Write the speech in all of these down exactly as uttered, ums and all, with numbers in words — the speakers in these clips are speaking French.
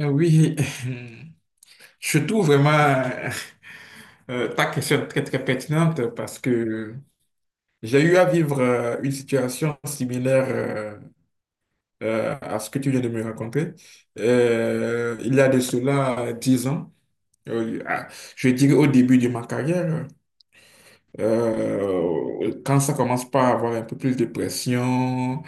Euh, Oui, je trouve vraiment euh, euh, ta question très très pertinente parce que j'ai eu à vivre euh, une situation similaire euh, euh, à ce que tu viens de me raconter. Euh, il y a de cela dix ans, euh, à- je dirais au début de ma carrière. Euh, quand ça commence pas à avoir un peu plus de pression,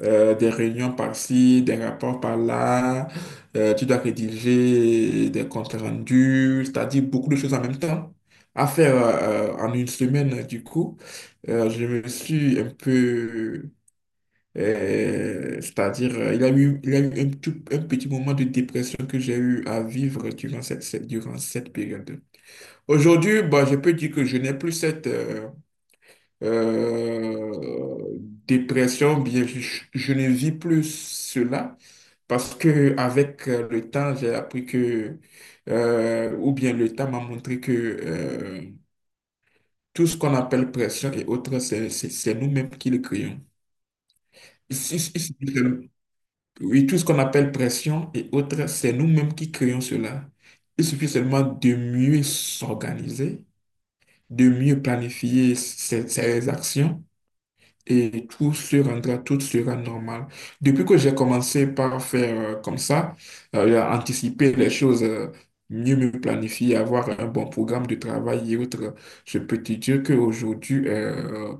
euh, des réunions par-ci, des rapports par-là, euh, tu dois rédiger des comptes rendus, c'est-à-dire beaucoup de choses en même temps à faire euh, en une semaine. Du coup, Euh, je me suis un peu, euh, c'est-à-dire, euh, il y a eu, il y a eu un, tout- un petit moment de dépression que j'ai eu à vivre durant cette, cette- durant cette période. Aujourd'hui, bah, je peux dire que je n'ai plus cette... euh, euh, dépression, bien, je, je ne vis plus cela parce que avec euh, le temps, j'ai appris que, euh, ou bien le temps m'a montré que euh, tout ce qu'on appelle pression et autres, c'est c'est- c'est nous-mêmes qui le créons. Si- si- si- Oui, tout ce qu'on appelle pression et autres, c'est nous-mêmes qui créons cela. Il suffit seulement de mieux s'organiser, de mieux planifier ses ses actions et tout se rendra, tout sera normal. Depuis que j'ai commencé par faire euh, comme ça, euh, à anticiper les choses, euh, mieux me planifier, avoir un bon programme de travail et autres, je peux te dire qu'aujourd'hui, euh,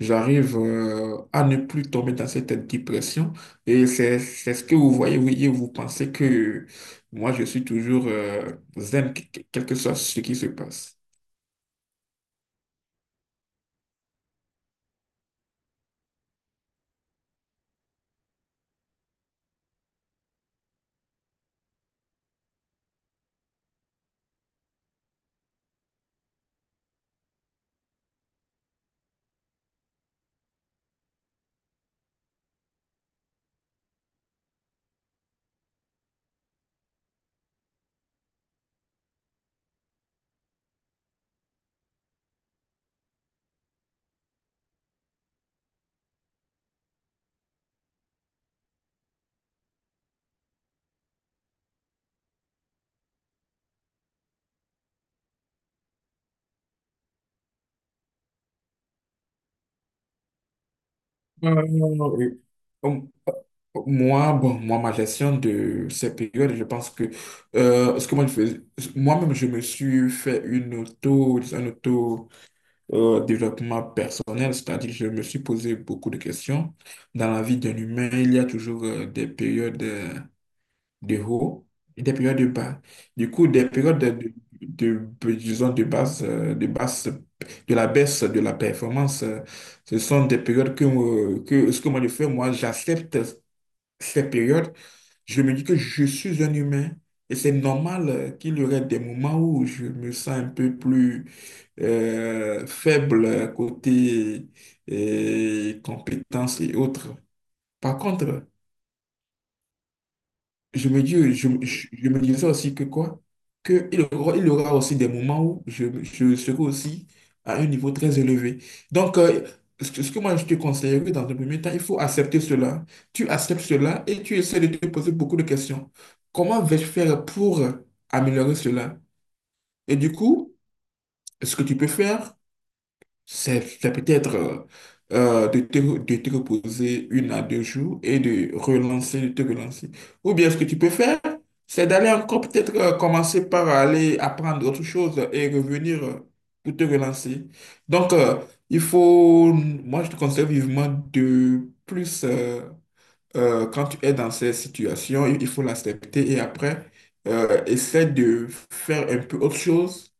j'arrive euh, à ne plus tomber dans cette dépression. Et c'est c'est ce que vous voyez, vous voyez, vous pensez que moi, je suis toujours euh, zen, quel que soit ce qui se passe. Euh, Moi, bon, moi, ma gestion de ces périodes, je pense que euh, ce que moi je faisais, moi-même, je me suis fait une auto, un auto euh, développement personnel, c'est-à-dire que je me suis posé beaucoup de questions. Dans la vie d'un humain, il y a toujours euh, des périodes euh, de haut et des périodes de bas. Du coup, des périodes de, de, de- disons, de basse, euh, de basse, de la baisse de la performance, euh, ce sont des périodes que, euh, que ce que moi je fais, moi, j'accepte ces périodes. Je me dis que je suis un humain et c'est normal euh, qu'il y aurait des moments où je me sens un peu plus euh, faible euh, côté euh, compétences et autres. Par contre, je me dis, je, je, je me disais aussi que quoi? Que il aura, il aura aussi des moments où je, je serai aussi à un niveau très élevé. Donc, euh, ce que ce que moi je te conseillerais dans un premier temps, il faut accepter cela. Tu acceptes cela et tu essaies de te poser beaucoup de questions. Comment vais-je faire pour améliorer cela? Et du coup, ce que tu peux faire, c'est c'est peut-être euh, euh, de te, de te reposer une à deux jours et de relancer, de te relancer. Ou bien ce que tu peux faire, c'est d'aller encore peut-être euh, commencer par aller apprendre autre chose et revenir euh, pour te relancer. Donc, euh, il faut, moi je te conseille vivement de plus, euh, euh, quand tu es dans ces situations, il il faut l'accepter et après, euh, essaie de faire un peu autre chose,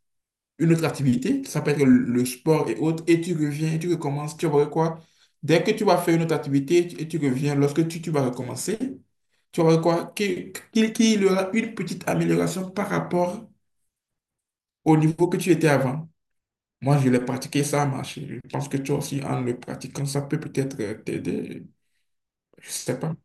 une autre activité, ça peut être le sport et autres, et tu reviens, et tu recommences, tu vas quoi? Dès que tu vas faire une autre activité tu- et tu reviens, lorsque tu, tu vas recommencer, tu vas voir quoi? Qu'il qu'il- qu'il y aura une petite amélioration par rapport au niveau que tu étais avant. Moi, je l'ai pratiqué, ça a marché. Je pense que toi aussi, en le pratiquant, ça peut peut-être euh, t'aider. Je sais pas.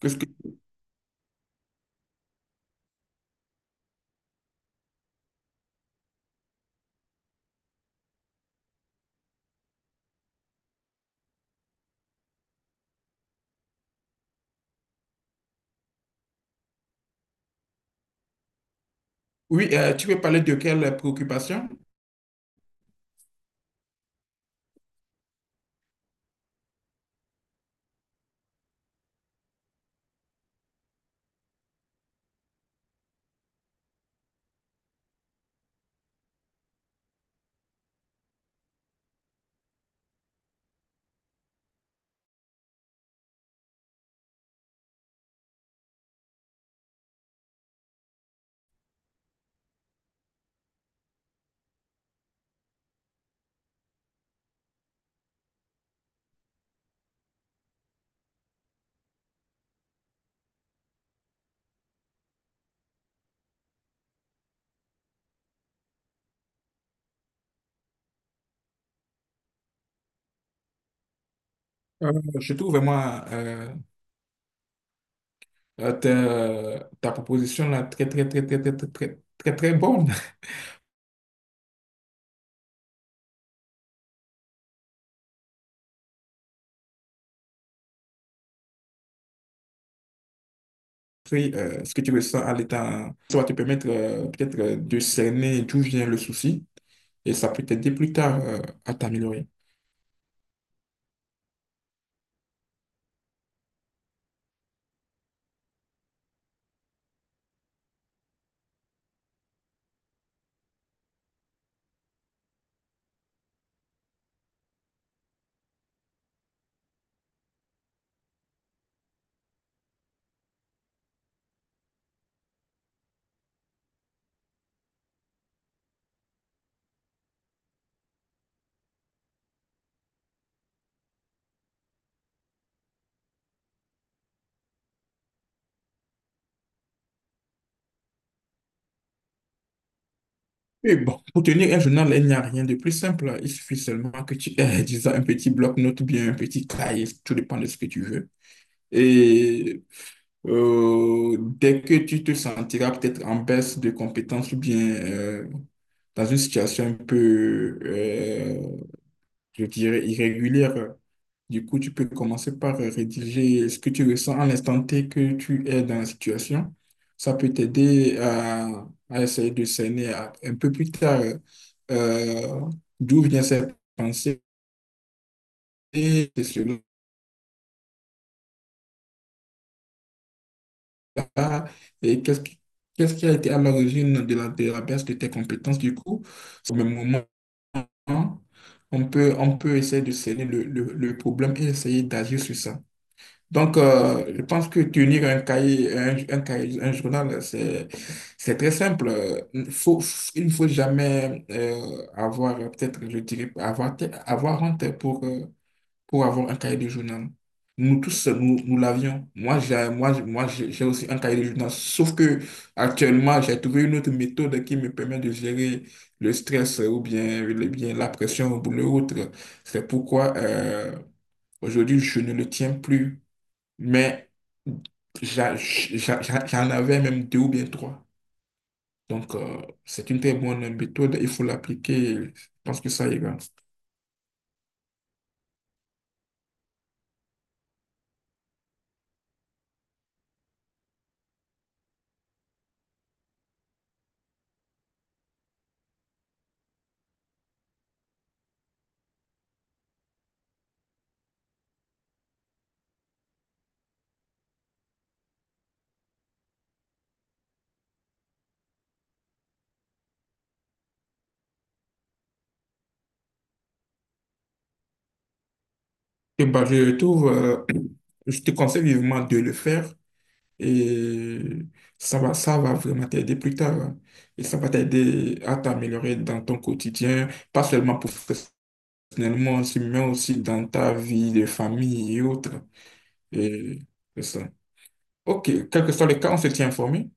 Qu'est-ce que- Oui, euh, tu veux parler de quelle préoccupation? Euh, je trouve vraiment euh, Euh, ta, ta proposition là, très, très, très, très, très, très, très, très, très bonne. Puis, euh, ce que tu ressens à l'état, ça va te permettre euh, peut-être euh, de cerner d'où vient le souci et ça peut t'aider plus tard euh, à t'améliorer. Et bon, pour tenir un journal, il n'y a rien de plus simple. Il suffit seulement que tu aies, disons, un petit bloc-notes ou bien un petit cahier, tout dépend de ce que tu veux. Et euh, dès que tu te sentiras peut-être en baisse de compétences ou bien euh, dans une situation un peu, euh, je dirais, irrégulière, du coup, tu peux commencer par rédiger ce que tu ressens à l'instant T que tu es dans la situation. Ça peut t'aider à, à essayer de cerner à- un peu plus tard euh, d'où viennent ces pensées, et cela là, et qu'est-ce qui, qu'est-ce qui a été à l'origine de la, de la baisse de tes compétences du coup? Au même moment, on peut, on peut essayer de cerner le, le, le problème et essayer d'agir sur ça. Donc, euh, je pense que tenir un cahier, un, un cahier, un journal, c'est, c'est très simple. Euh, Faut, il ne faut jamais euh, avoir, peut-être, je dirais, avoir, avoir honte pour, euh, pour avoir un cahier de journal. Nous tous, nous, nous l'avions. Moi, j'ai, moi, j'ai- moi, j'ai j'ai aussi un cahier de journal. Sauf que actuellement, j'ai trouvé une autre méthode qui me permet de gérer le stress ou bien, le- bien la pression ou l'autre. C'est pourquoi euh, aujourd'hui, je ne le tiens plus. Mais j'a- j'a- j'a- j'en avais même deux ou bien trois. Donc, euh, c'est une très bonne méthode. Il faut l'appliquer. Je pense que ça ira. Et bah, je trouve, euh, je te conseille vivement de le faire et ça va, ça va vraiment t'aider plus tard, hein. Et ça va t'aider à t'améliorer dans ton quotidien, pas seulement professionnellement, aussi, mais aussi dans ta vie de famille et autres. Et c'est ça. OK, quel que soit le cas, on se tient informé.